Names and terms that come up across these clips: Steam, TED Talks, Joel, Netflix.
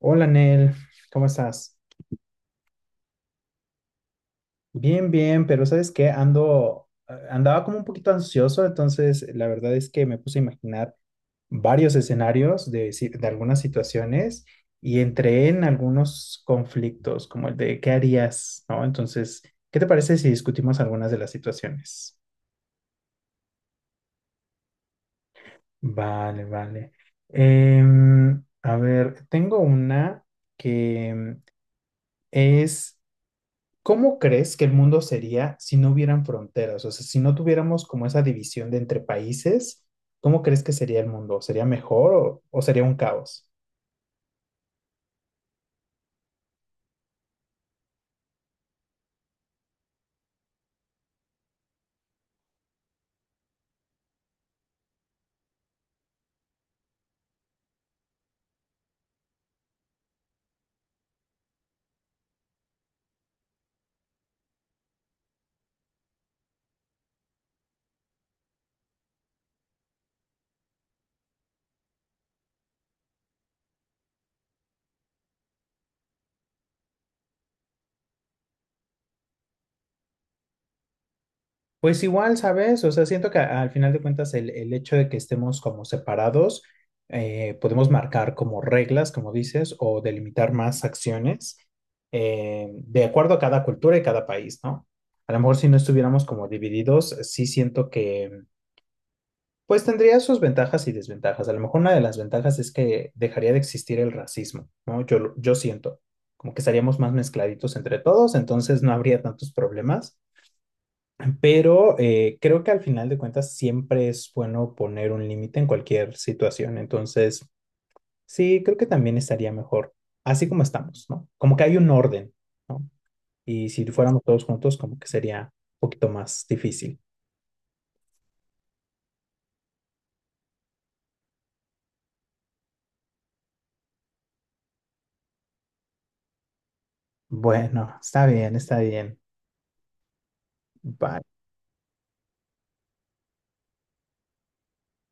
Hola, Nel, ¿cómo estás? Bien, bien, pero ¿sabes qué? Ando, andaba como un poquito ansioso, entonces la verdad es que me puse a imaginar varios escenarios de, de algunas situaciones y entré en algunos conflictos, como el de ¿qué harías? ¿No? Entonces, ¿qué te parece si discutimos algunas de las situaciones? Vale, vale. A ver, tengo una que es ¿cómo crees que el mundo sería si no hubieran fronteras? O sea, si no tuviéramos como esa división de entre países, ¿cómo crees que sería el mundo? ¿Sería mejor o sería un caos? Pues igual, ¿sabes? O sea, siento que al final de cuentas el hecho de que estemos como separados, podemos marcar como reglas, como dices, o delimitar más acciones, de acuerdo a cada cultura y cada país, ¿no? A lo mejor si no estuviéramos como divididos, sí siento que pues tendría sus ventajas y desventajas. A lo mejor una de las ventajas es que dejaría de existir el racismo, ¿no? Yo siento, como que estaríamos más mezcladitos entre todos, entonces no habría tantos problemas. Pero creo que al final de cuentas siempre es bueno poner un límite en cualquier situación. Entonces, sí, creo que también estaría mejor así como estamos, ¿no? Como que hay un orden, ¿no? Y si fuéramos todos juntos, como que sería un poquito más difícil. Bueno, está bien, está bien. Bye,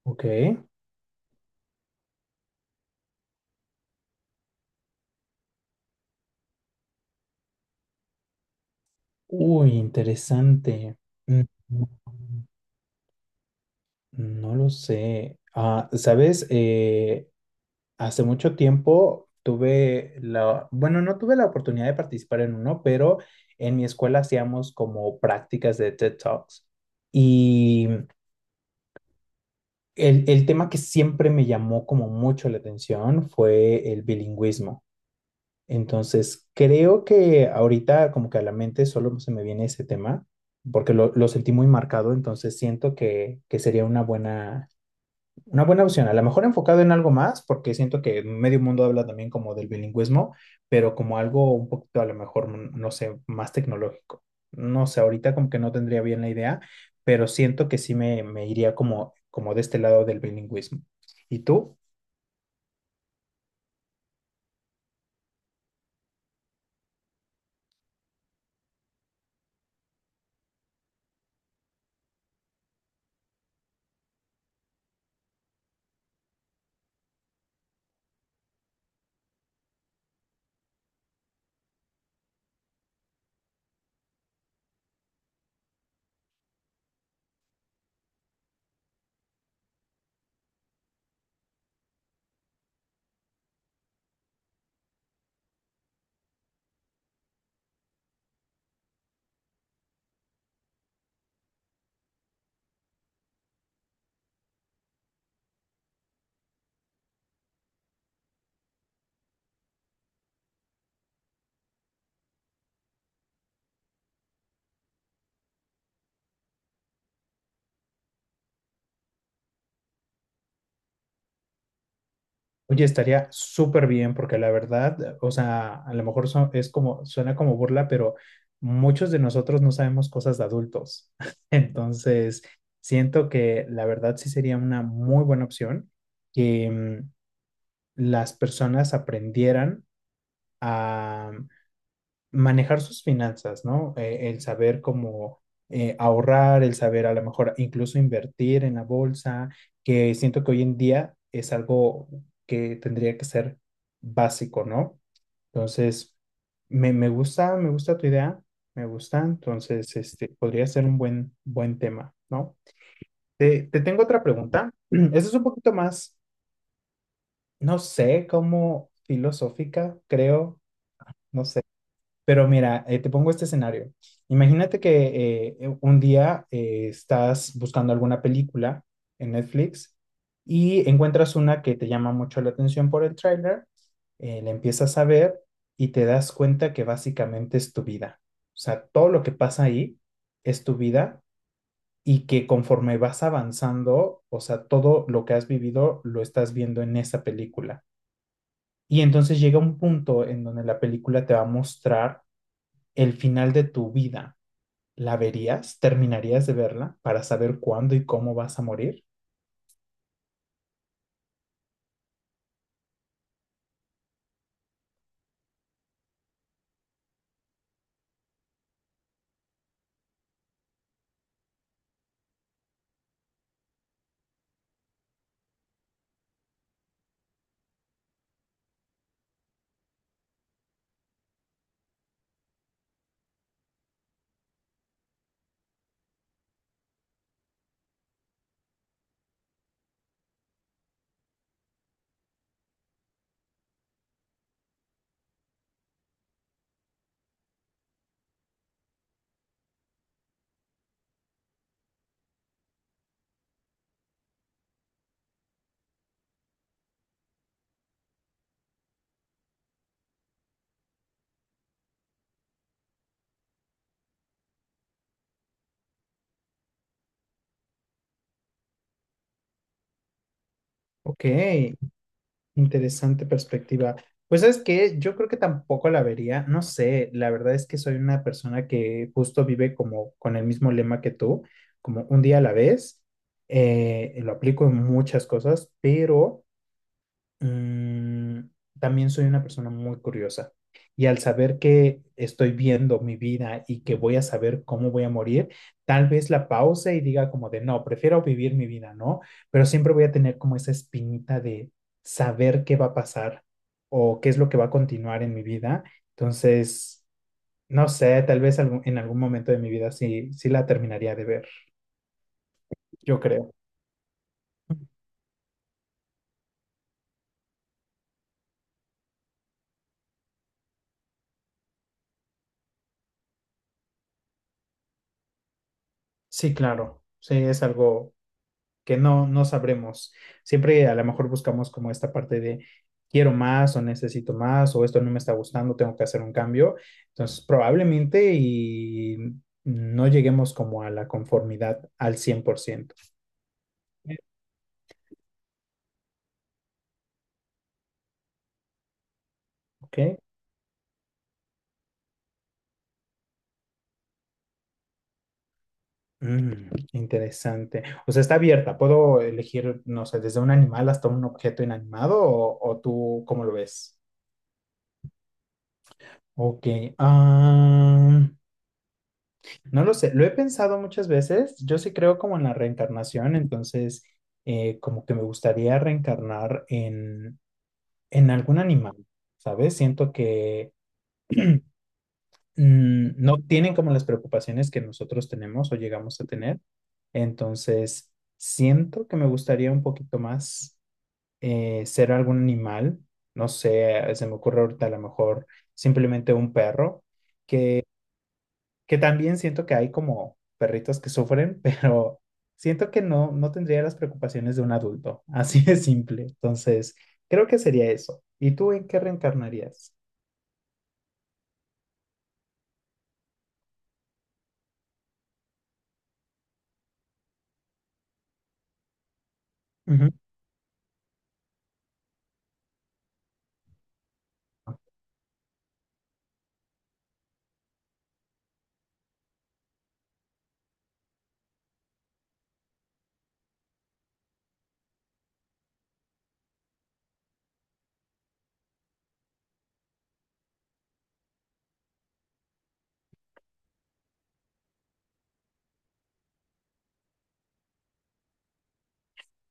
ok. Uy, interesante. Mm, no lo sé. Ah, ¿sabes? Hace mucho tiempo tuve la, bueno, no tuve la oportunidad de participar en uno, pero en mi escuela hacíamos como prácticas de TED Talks. Y el tema que siempre me llamó como mucho la atención fue el bilingüismo. Entonces, creo que ahorita como que a la mente solo se me viene ese tema, porque lo sentí muy marcado, entonces siento que sería una buena opción. A lo mejor enfocado en algo más, porque siento que medio mundo habla también como del bilingüismo, pero como algo un poquito a lo mejor, mm, no sé, más tecnológico. No sé, ahorita como que no tendría bien la idea, pero siento que sí me iría como, como de este lado del bilingüismo. ¿Y tú? Oye, estaría súper bien porque la verdad, o sea, a lo mejor es como, suena como burla, pero muchos de nosotros no sabemos cosas de adultos. Entonces, siento que la verdad sí sería una muy buena opción que mm, las personas aprendieran manejar sus finanzas, ¿no? El saber cómo ahorrar, el saber a lo mejor incluso invertir en la bolsa, que siento que hoy en día es algo que tendría que ser básico, ¿no? Entonces, me gusta tu idea, me gusta, entonces, este, podría ser un buen, buen tema, ¿no? Te tengo otra pregunta. Esa es un poquito más, no sé, como filosófica, creo, no, pero mira, te pongo este escenario. Imagínate que un día estás buscando alguna película en Netflix y encuentras una que te llama mucho la atención por el tráiler, la empiezas a ver y te das cuenta que básicamente es tu vida. O sea, todo lo que pasa ahí es tu vida y que conforme vas avanzando, o sea, todo lo que has vivido lo estás viendo en esa película. Y entonces llega un punto en donde la película te va a mostrar el final de tu vida, ¿la verías? ¿Terminarías de verla para saber cuándo y cómo vas a morir? Ok, interesante perspectiva. Pues es que yo creo que tampoco la vería, no sé, la verdad es que soy una persona que justo vive como con el mismo lema que tú, como un día a la vez, lo aplico en muchas cosas, pero mm, también soy una persona muy curiosa y al saber que estoy viendo mi vida y que voy a saber cómo voy a morir, tal vez la pause y diga como de no, prefiero vivir mi vida, ¿no? Pero siempre voy a tener como esa espinita de saber qué va a pasar o qué es lo que va a continuar en mi vida. Entonces, no sé, tal vez en algún momento de mi vida sí, sí la terminaría de ver, yo creo. Sí, claro, sí, es algo que no, no sabremos. Siempre a lo mejor buscamos como esta parte de quiero más o necesito más o esto no me está gustando, tengo que hacer un cambio. Entonces, probablemente y no lleguemos como a la conformidad al 100%. ¿Ok? Mm, interesante. O sea, está abierta. ¿Puedo elegir, no sé, desde un animal hasta un objeto inanimado o tú cómo lo ves? Ok. Ah, no lo sé, lo he pensado muchas veces. Yo sí creo como en la reencarnación, entonces como que me gustaría reencarnar en algún animal, ¿sabes? Siento que mm, no tienen como las preocupaciones que nosotros tenemos o llegamos a tener. Entonces, siento que me gustaría un poquito más, ser algún animal. No sé, se me ocurre ahorita a lo mejor simplemente un perro. Que también siento que hay como perritos que sufren, pero siento que no, no tendría las preocupaciones de un adulto. Así de simple. Entonces, creo que sería eso. ¿Y tú en qué reencarnarías? Ujú.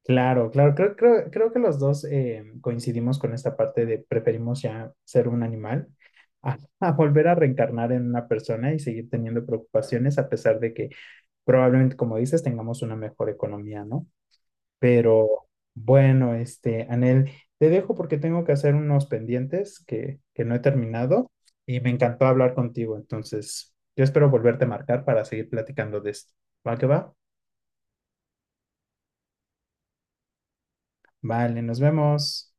Claro, claro. Creo que los dos coincidimos con esta parte de preferimos ya ser un animal a volver a reencarnar en una persona y seguir teniendo preocupaciones a pesar de que probablemente, como dices, tengamos una mejor economía, ¿no? Pero bueno, este, Anel, te dejo porque tengo que hacer unos pendientes que no he terminado y me encantó hablar contigo. Entonces, yo espero volverte a marcar para seguir platicando de esto. ¿Va que va? Vale, nos vemos.